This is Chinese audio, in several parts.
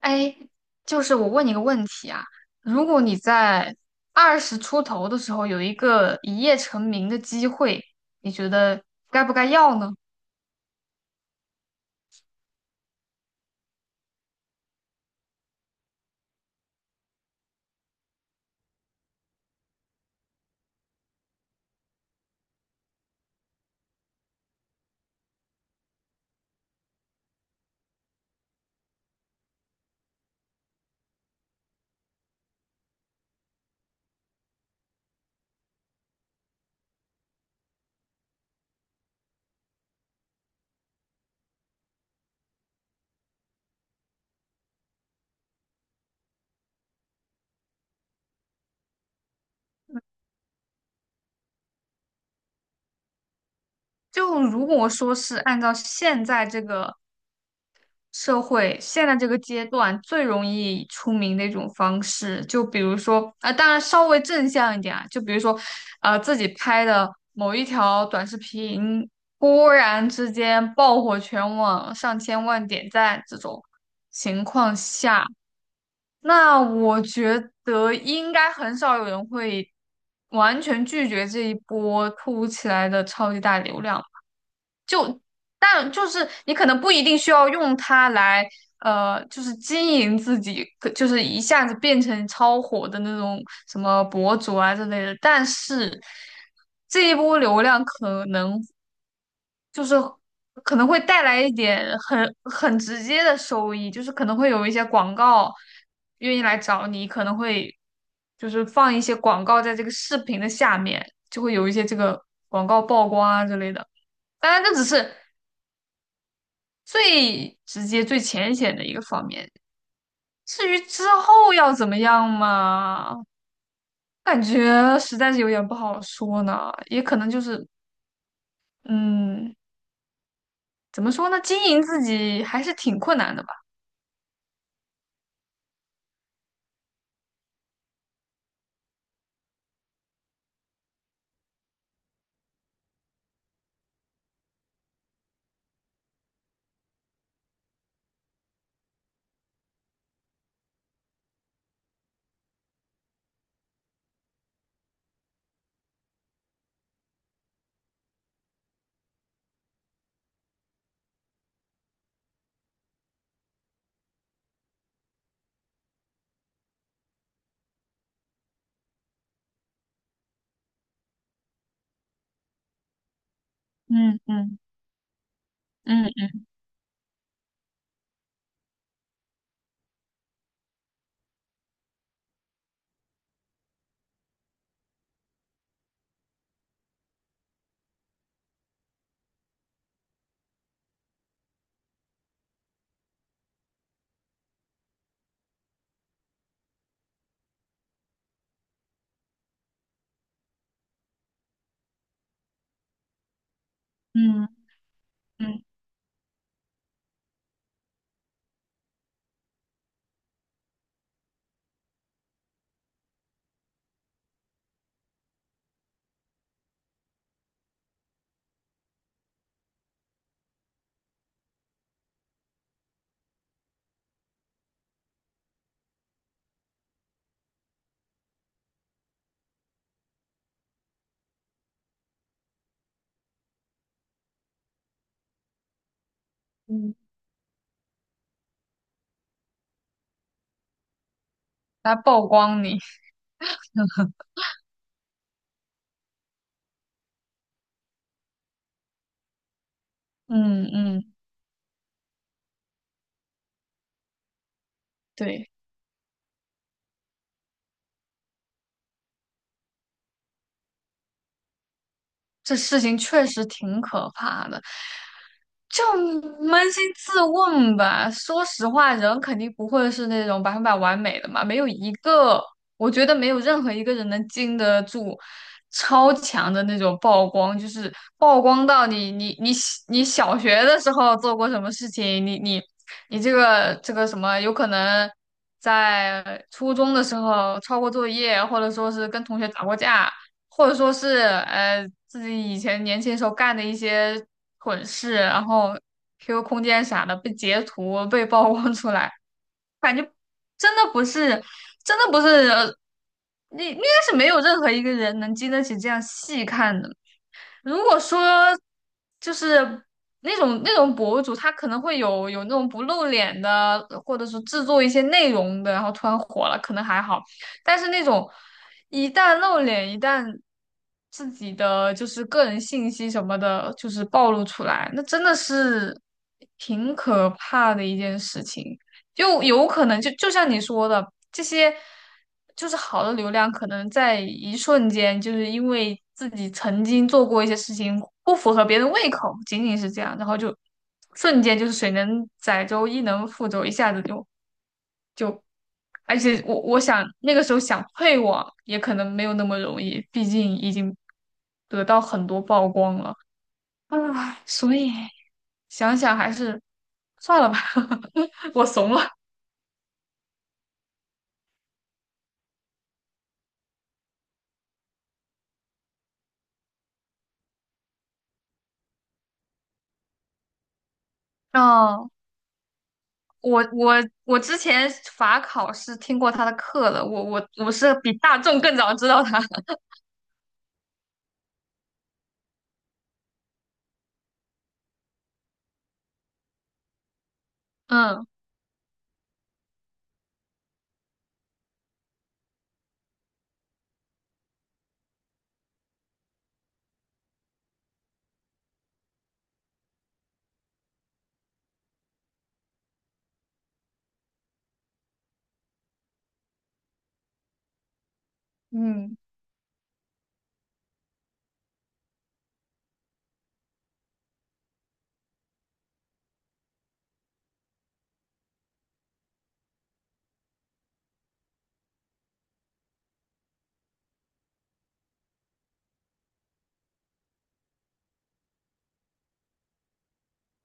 哎，就是我问你个问题啊，如果你在二十出头的时候有一个一夜成名的机会，你觉得该不该要呢？就如果说是按照现在这个社会现在这个阶段最容易出名的一种方式，就比如说，啊、当然稍微正向一点啊，就比如说，自己拍的某一条短视频，忽然之间爆火全网，上千万点赞这种情况下，那我觉得应该很少有人会完全拒绝这一波突如其来的超级大流量。但就是你可能不一定需要用它来，就是经营自己，可就是一下子变成超火的那种什么博主啊之类的。但是这一波流量可能就是可能会带来一点很直接的收益，就是可能会有一些广告愿意来找你，可能会就是放一些广告在这个视频的下面，就会有一些这个广告曝光啊之类的。当然，这只是最直接、最浅显的一个方面。至于之后要怎么样嘛，感觉实在是有点不好说呢。也可能就是，嗯，怎么说呢？经营自己还是挺困难的吧。嗯嗯嗯嗯嗯嗯，嗯来曝光你。嗯嗯，对，这事情确实挺可怕的。就扪心自问吧，说实话，人肯定不会是那种百分百完美的嘛，没有一个，我觉得没有任何一个人能经得住超强的那种曝光，就是曝光到你小学的时候做过什么事情，你这个什么，有可能在初中的时候抄过作业，或者说是跟同学打过架，或者说是自己以前年轻时候干的一些蠢事，然后 QQ 空间啥的被截图被曝光出来，感觉真的不是，真的不是，你应该是没有任何一个人能经得起这样细看的。如果说就是那种博主，他可能会有那种不露脸的，或者是制作一些内容的，然后突然火了，可能还好。但是那种一旦露脸，一旦自己的就是个人信息什么的，就是暴露出来，那真的是挺可怕的一件事情。就有可能就像你说的，这些就是好的流量，可能在一瞬间，就是因为自己曾经做过一些事情不符合别人胃口，仅仅是这样，然后就瞬间就是水能载舟，亦能覆舟，一下子就。而且我想那个时候想退网也可能没有那么容易，毕竟已经得到很多曝光了啊，所以想想还是算了吧，我怂了。嗯。我我我之前法考是听过他的课的，我是比大众更早知道他。嗯嗯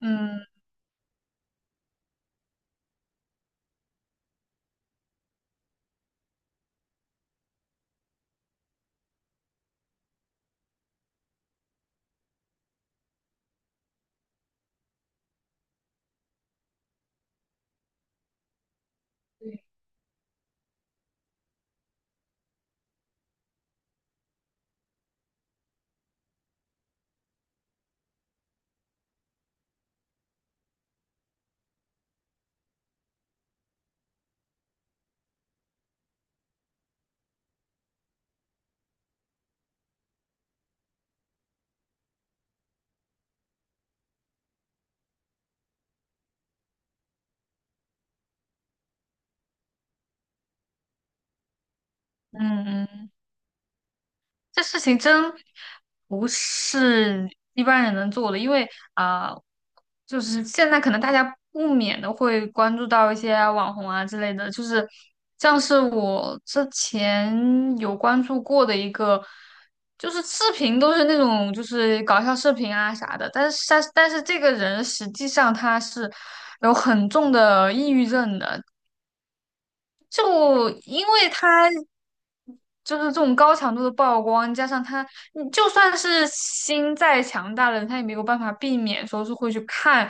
嗯嗯嗯。这事情真不是一般人能做的，因为啊、就是现在可能大家不免的会关注到一些网红啊之类的，就是像是我之前有关注过的一个，就是视频都是那种就是搞笑视频啊啥的，但是这个人实际上他是有很重的抑郁症的。就因为他就是这种高强度的曝光，加上他，你就算是心再强大的人，他也没有办法避免说是会去看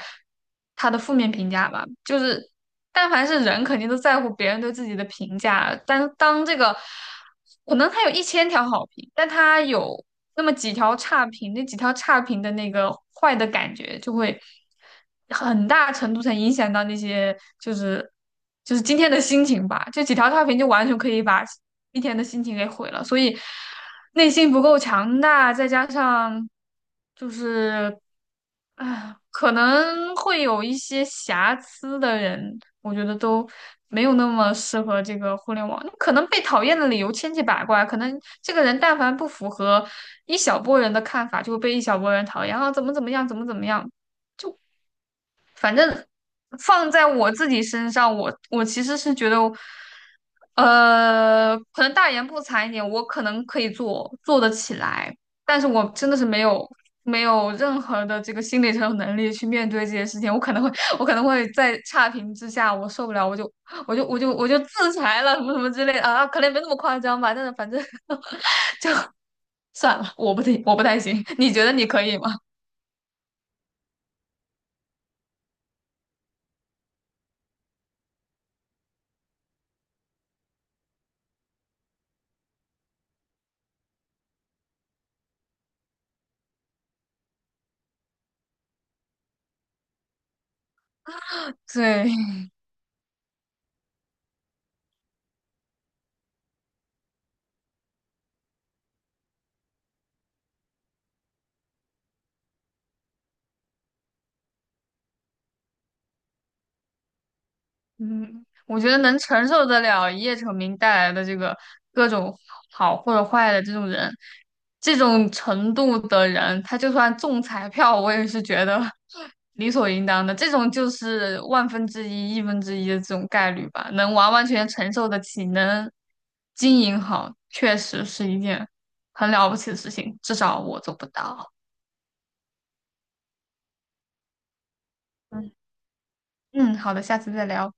他的负面评价吧。就是，但凡是人，肯定都在乎别人对自己的评价。但当这个，可能他有一千条好评，但他有那么几条差评，那几条差评的那个坏的感觉就会。很大程度上影响到那些就是就是今天的心情吧。就几条差评就完全可以把一天的心情给毁了。所以内心不够强大，再加上就是啊，可能会有一些瑕疵的人，我觉得都没有那么适合这个互联网。那可能被讨厌的理由千奇百怪，可能这个人但凡不符合一小波人的看法，就会被一小波人讨厌啊，怎么怎么样，怎么怎么样。反正放在我自己身上，我其实是觉得，可能大言不惭一点，我可能可以做做得起来，但是我真的是没有任何的这个心理承受能力去面对这些事情，我可能会在差评之下我受不了，我就自裁了，什么什么之类的啊，可能没那么夸张吧，但是反正 就算了，我不行，我不太行，你觉得你可以吗？对。嗯，我觉得能承受得了一夜成名带来的这个各种好或者坏的这种人，这种程度的人，他就算中彩票，我也是觉得 理所应当的。这种就是万分之一、亿分之一的这种概率吧，能完完全全承受得起，能经营好，确实是一件很了不起的事情，至少我做不到。嗯嗯，好的，下次再聊。